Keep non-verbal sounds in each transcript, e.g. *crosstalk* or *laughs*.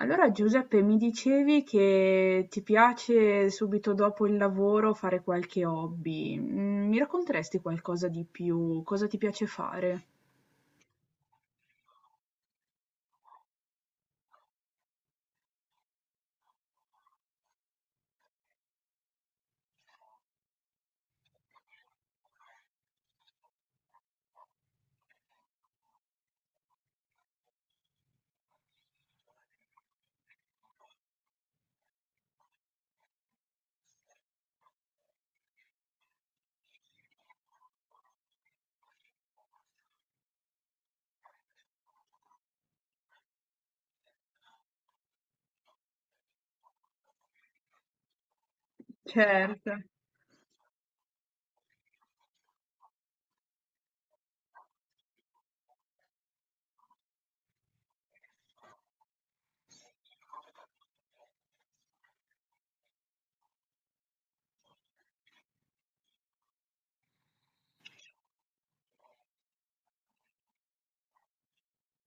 Allora Giuseppe, mi dicevi che ti piace subito dopo il lavoro fare qualche hobby. Mi racconteresti qualcosa di più? Cosa ti piace fare? Certo,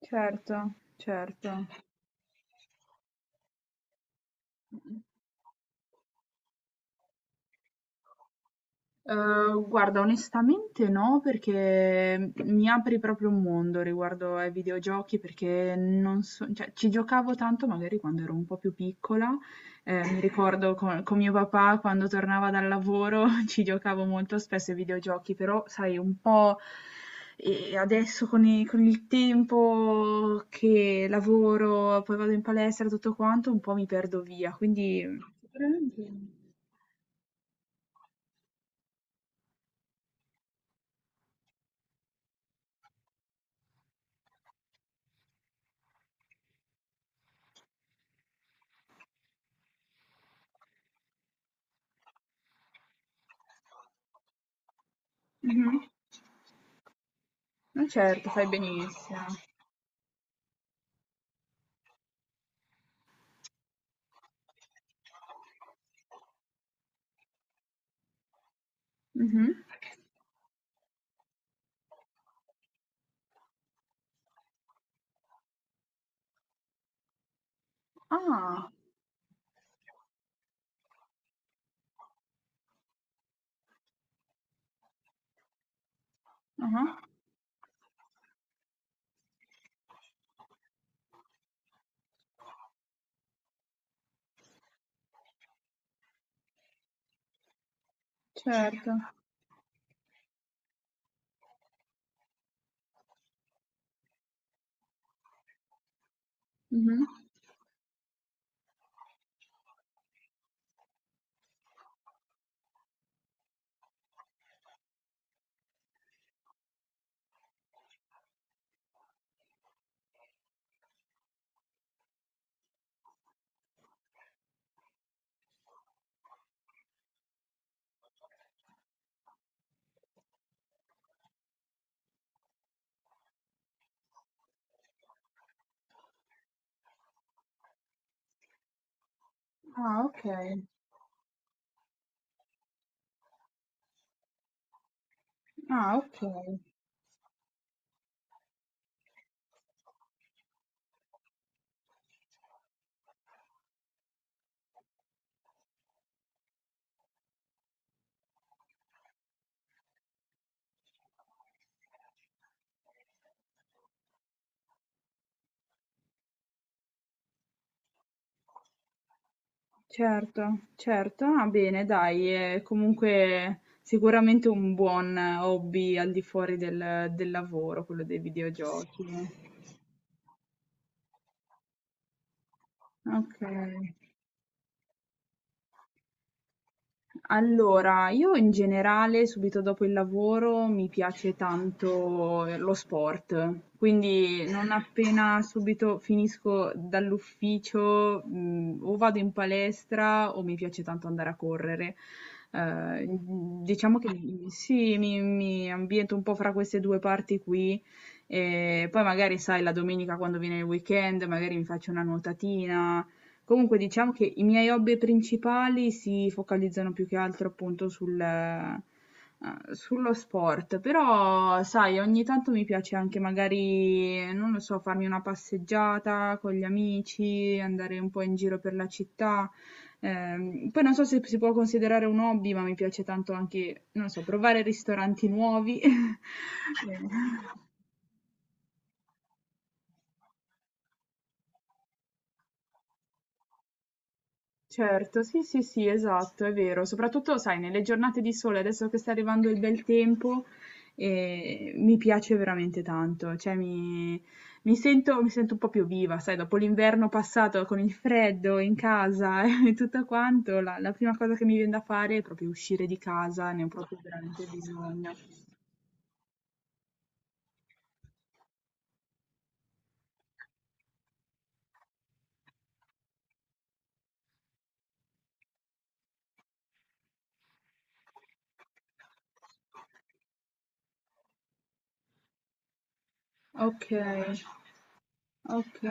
certo, certo. Guarda onestamente no, perché mi apri proprio un mondo riguardo ai videogiochi, perché non so cioè ci giocavo tanto magari quando ero un po' più piccola, mi ricordo co con mio papà quando tornava dal lavoro *laughs* ci giocavo molto spesso ai videogiochi, però sai un po', adesso con il tempo che lavoro, poi vado in palestra e tutto quanto, un po' mi perdo via, quindi sicuramente. Mh-mh. Ma certo, fai benissimo. Mh-mh. Ah. Ah-ah. Certo. Mh-mh. Ah, okay. Ah, okay. Certo, certo. Ah, bene dai, è comunque sicuramente un buon hobby al di fuori del lavoro, quello dei videogiochi. Okay. Allora, io in generale subito dopo il lavoro mi piace tanto lo sport, quindi non appena subito finisco dall'ufficio, o vado in palestra o mi piace tanto andare a correre. Diciamo che sì, mi ambiento un po' fra queste due parti qui. E poi magari, sai, la domenica quando viene il weekend, magari mi faccio una nuotatina. Comunque diciamo che i miei hobby principali si focalizzano più che altro appunto sul, sullo sport, però sai, ogni tanto mi piace anche magari, non lo so, farmi una passeggiata con gli amici, andare un po' in giro per la città. Poi non so se si può considerare un hobby, ma mi piace tanto anche, non lo so, provare ristoranti nuovi. *laughs* Eh, Certo, sì, sì, sì, esatto, è vero. Soprattutto, sai, nelle giornate di sole, adesso che sta arrivando il bel tempo, mi piace veramente tanto. Cioè, mi sento un po' più viva, sai, dopo l'inverno passato con il freddo in casa *laughs* e tutto quanto, la prima cosa che mi viene da fare è proprio uscire di casa, ne ho proprio veramente bisogno. Ok, ok.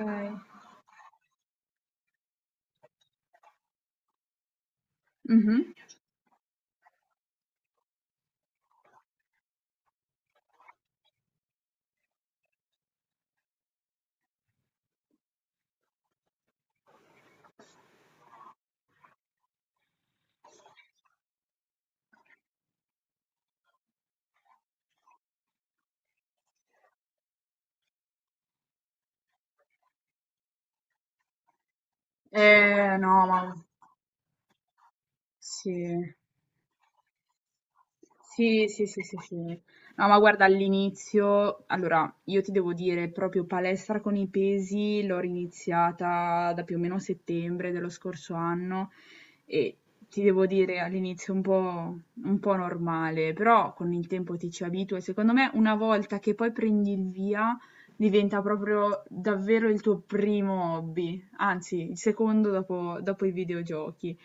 Mhm. No, ma sì. Sì, sì, sì, sì, sì. No, ma guarda, all'inizio, allora, io ti devo dire, proprio palestra con i pesi l'ho riniziata da più o meno settembre dello scorso anno e ti devo dire all'inizio un po' normale, però con il tempo ti ci abitui. E secondo me, una volta che poi prendi il via, diventa proprio davvero il tuo primo hobby, anzi, il secondo dopo i videogiochi.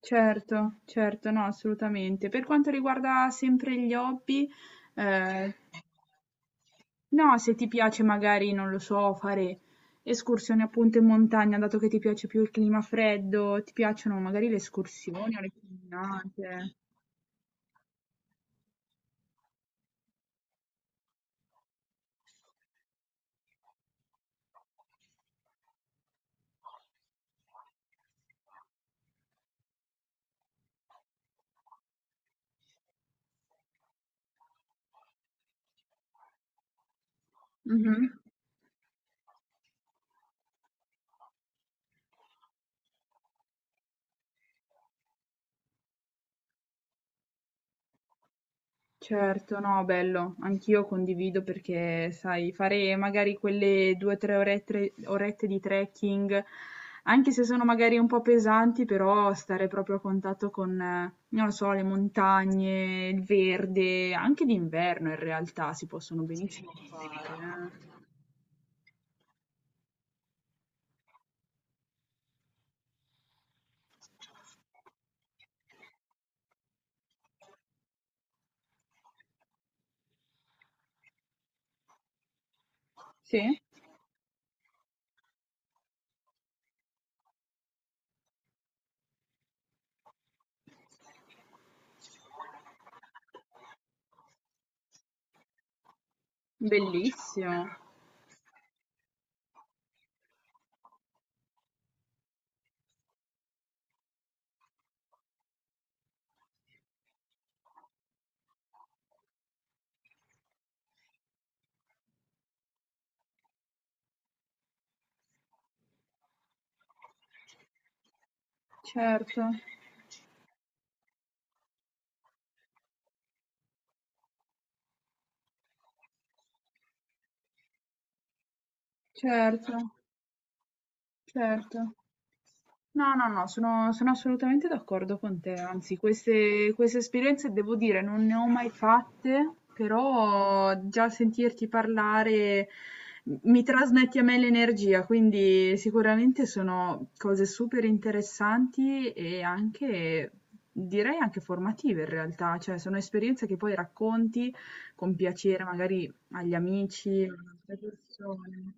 Certo, certo, no, assolutamente. Per quanto riguarda sempre gli hobby, eh, no, se ti piace magari, non lo so, fare escursioni appunto in montagna, dato che ti piace più il clima freddo, ti piacciono magari le escursioni o le camminate. Mhm. Certo, no, bello, anch'io condivido perché, sai, fare magari quelle 2 o 3 orette di trekking, anche se sono magari un po' pesanti, però stare proprio a contatto con, non lo so, le montagne, il verde, anche d'inverno in realtà si possono benissimo fare. Sì, bellissimo, certo, certo. Certo. No, no, no, sono assolutamente d'accordo con te. Anzi, queste esperienze, devo dire, non ne ho mai fatte, però già sentirti parlare m mi trasmetti a me l'energia, quindi sicuramente sono cose super interessanti e anche direi anche formative in realtà, cioè sono esperienze che poi racconti con piacere magari agli amici, ad altre persone.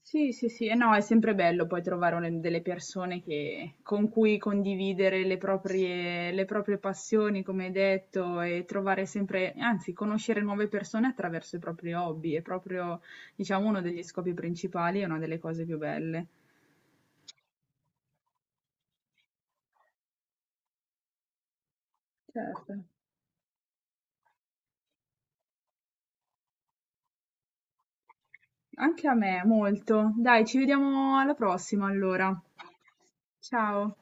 Sì, sì, sì, e no, è sempre bello poi trovare delle persone con cui condividere le proprie passioni, come hai detto, e trovare sempre, anzi, conoscere nuove persone attraverso i propri hobby, è proprio, diciamo, uno degli scopi principali e una delle cose più belle. Certo. Anche a me, molto. Dai, ci vediamo alla prossima allora. Ciao.